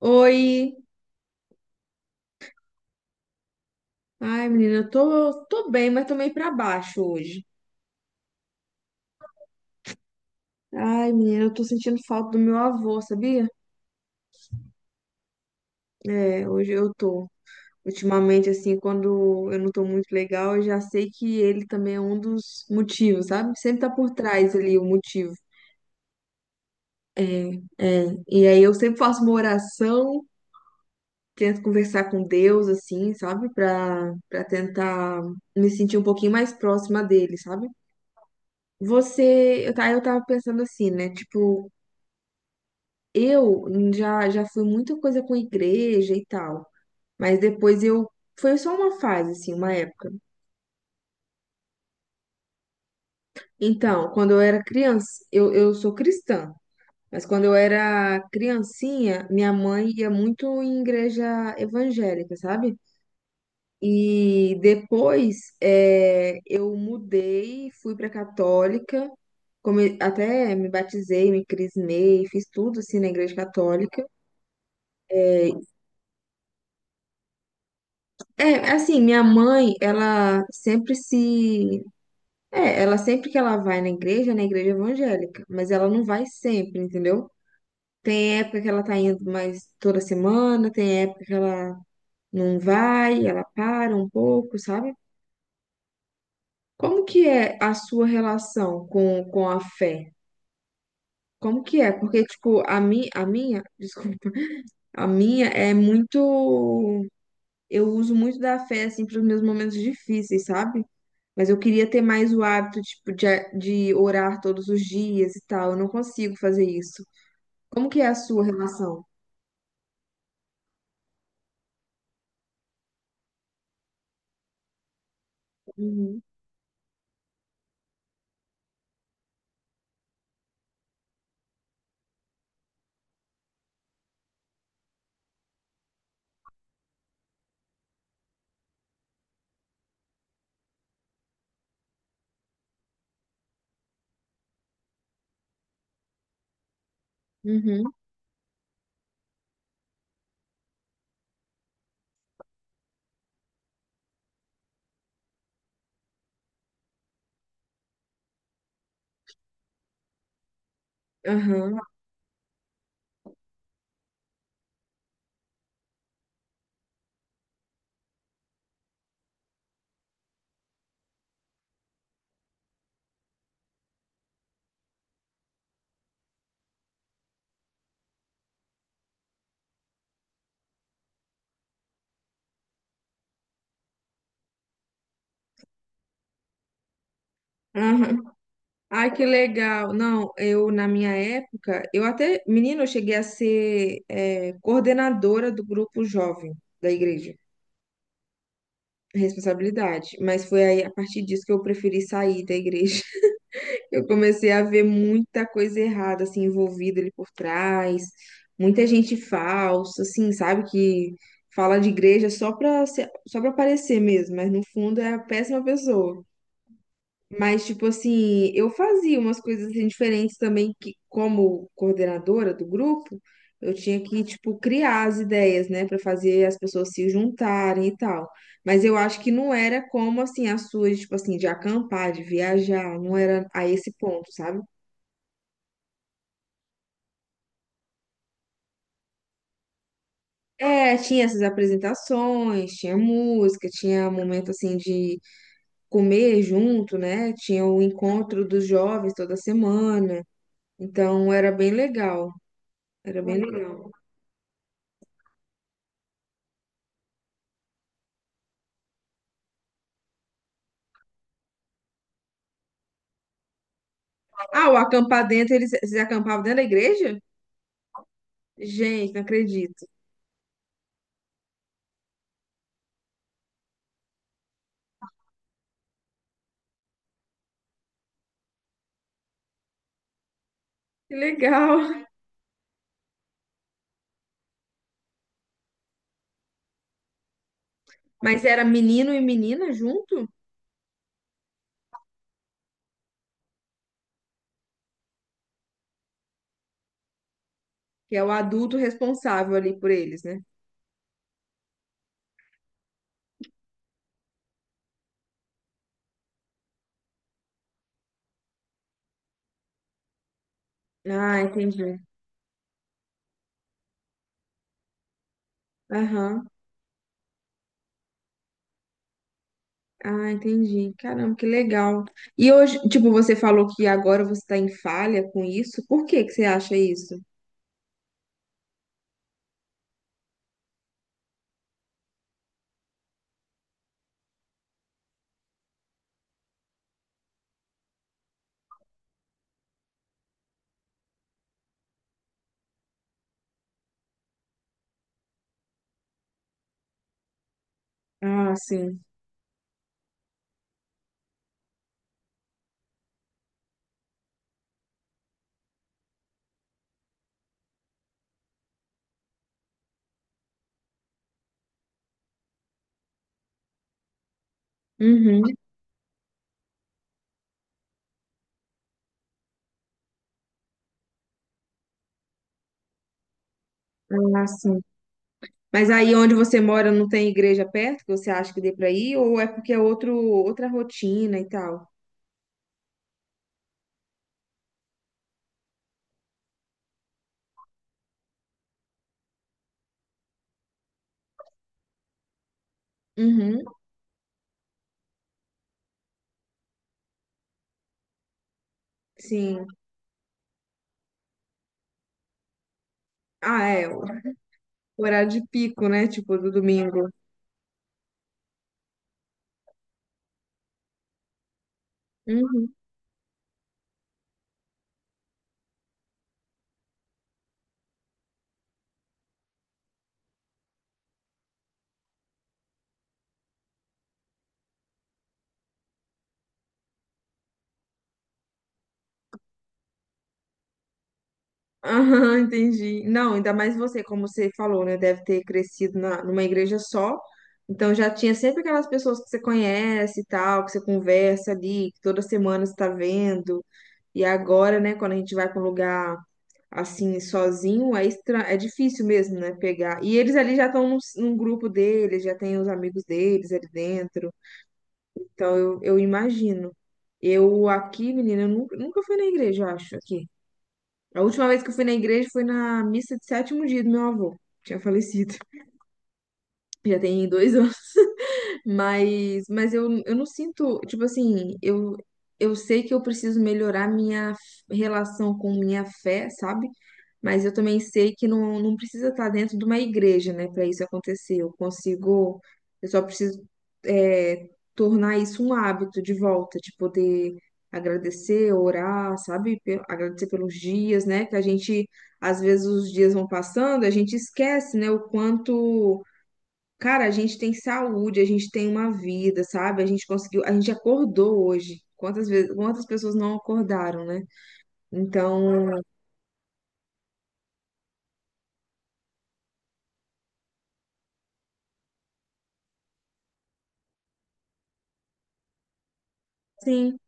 Oi. Ai, menina, eu tô bem, mas tô meio pra baixo hoje. Ai, menina, eu tô sentindo falta do meu avô, sabia? É, hoje eu tô. Ultimamente, assim, quando eu não tô muito legal, eu já sei que ele também é um dos motivos, sabe? Sempre tá por trás ali o motivo. É, é. E aí eu sempre faço uma oração, tento conversar com Deus, assim, sabe? Pra tentar me sentir um pouquinho mais próxima dele, sabe? Você, eu, tá, eu tava pensando assim, né? Tipo, eu já fui muita coisa com igreja e tal, mas depois eu. Foi só uma fase, assim, uma época. Então, quando eu era criança, eu sou cristã, mas quando eu era criancinha, minha mãe ia muito em igreja evangélica, sabe? E depois eu mudei, fui pra católica, até me batizei, me crismei, fiz tudo assim na igreja católica. Eh, é, assim, minha mãe, ela sempre se. É, ela sempre que ela vai na igreja, é na igreja evangélica, mas ela não vai sempre, entendeu? Tem época que ela tá indo mais toda semana, tem época que ela não vai, ela para um pouco, sabe? Como que é a sua relação com a fé? Como que é? Porque, tipo, a minha, desculpa, a minha é muito. Eu uso muito da fé, assim, para os meus momentos difíceis, sabe? Mas eu queria ter mais o hábito, tipo, de orar todos os dias e tal. Eu não consigo fazer isso. Como que é a sua relação? Uhum. Uhum. Aham. Aham. Ai, que legal. Não, eu, na minha época, eu até, menina, eu cheguei a ser, é, coordenadora do grupo jovem da igreja. Responsabilidade. Mas foi aí, a partir disso, que eu preferi sair da igreja. Eu comecei a ver muita coisa errada, assim, envolvida ali por trás, muita gente falsa, assim, sabe, que fala de igreja só pra, só pra aparecer mesmo, mas no fundo é a péssima pessoa. Mas, tipo assim, eu fazia umas coisas assim, diferentes também, que como coordenadora do grupo, eu tinha que, tipo, criar as ideias, né, pra fazer as pessoas se juntarem e tal. Mas eu acho que não era como, assim, as suas, tipo assim, de acampar, de viajar, não era a esse ponto, sabe? É, tinha essas apresentações, tinha música, tinha momento assim de comer junto, né? Tinha o encontro dos jovens toda semana. Então era bem legal, era bem legal. Ah, o acampar dentro, eles acampavam dentro da igreja? Gente, não acredito. Que legal. Mas era menino e menina junto? Que é o adulto responsável ali por eles, né? Ah, entendi. Aham. Ah, entendi. Caramba, que legal. E hoje, tipo, você falou que agora você está em falha com isso. Por que que você acha isso? Ah, sim. Uhum. Ah, sim. Mas aí onde você mora não tem igreja perto que você acha que dê para ir? Ou é porque é outro, outra rotina e tal? Uhum. Sim. Ah, é. O horário de pico, né? Tipo, do domingo. Uhum. Aham, entendi. Não, ainda mais você, como você falou, né? Deve ter crescido na, numa igreja só. Então já tinha sempre aquelas pessoas que você conhece e tal, que você conversa ali, que toda semana você tá vendo. E agora, né, quando a gente vai para um lugar assim, sozinho, é difícil mesmo, né, pegar. E eles ali já estão num grupo deles, já tem os amigos deles ali dentro. Então eu imagino. Eu aqui, menina, eu nunca fui na igreja, eu acho, aqui. A última vez que eu fui na igreja foi na missa de sétimo dia do meu avô. Tinha falecido. Já tem 2 anos. Mas eu não sinto, tipo assim, eu sei que eu preciso melhorar minha relação com minha fé, sabe? Mas eu também sei que não precisa estar dentro de uma igreja, né, para isso acontecer. Eu consigo, eu só preciso, é, tornar isso um hábito de volta, de poder agradecer, orar, sabe? Agradecer pelos dias, né? Que a gente, às vezes, os dias vão passando, a gente esquece, né, o quanto. Cara, a gente tem saúde, a gente tem uma vida, sabe? A gente conseguiu, a gente acordou hoje. Quantas vezes, quantas pessoas não acordaram, né? Então, sim,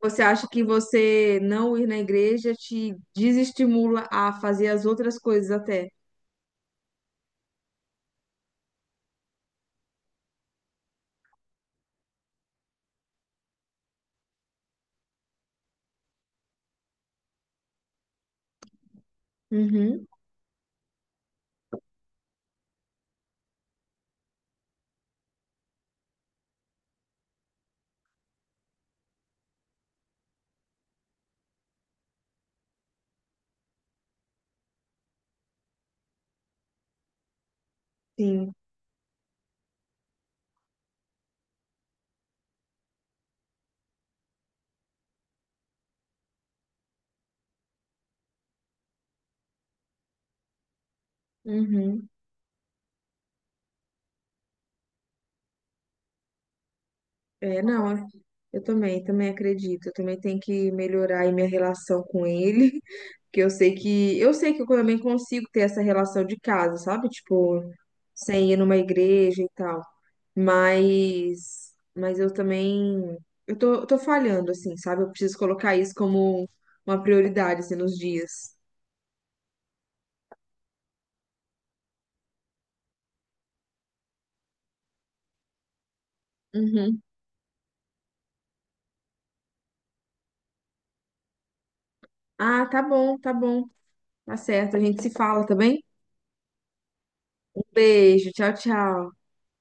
você acha que você não ir na igreja te desestimula a fazer as outras coisas até? Uhum, sim. Uhum. É, não, eu também, também acredito. Eu também tenho que melhorar aí minha relação com ele, que eu sei que eu sei que eu também consigo ter essa relação de casa, sabe? Tipo, sem ir numa igreja e tal. Mas eu também, eu tô falhando, assim, sabe? Eu preciso colocar isso como uma prioridade, assim, nos dias. Uhum. Ah, tá bom, tá bom. Tá certo, a gente se fala, tá bem? Um beijo, tchau, tchau.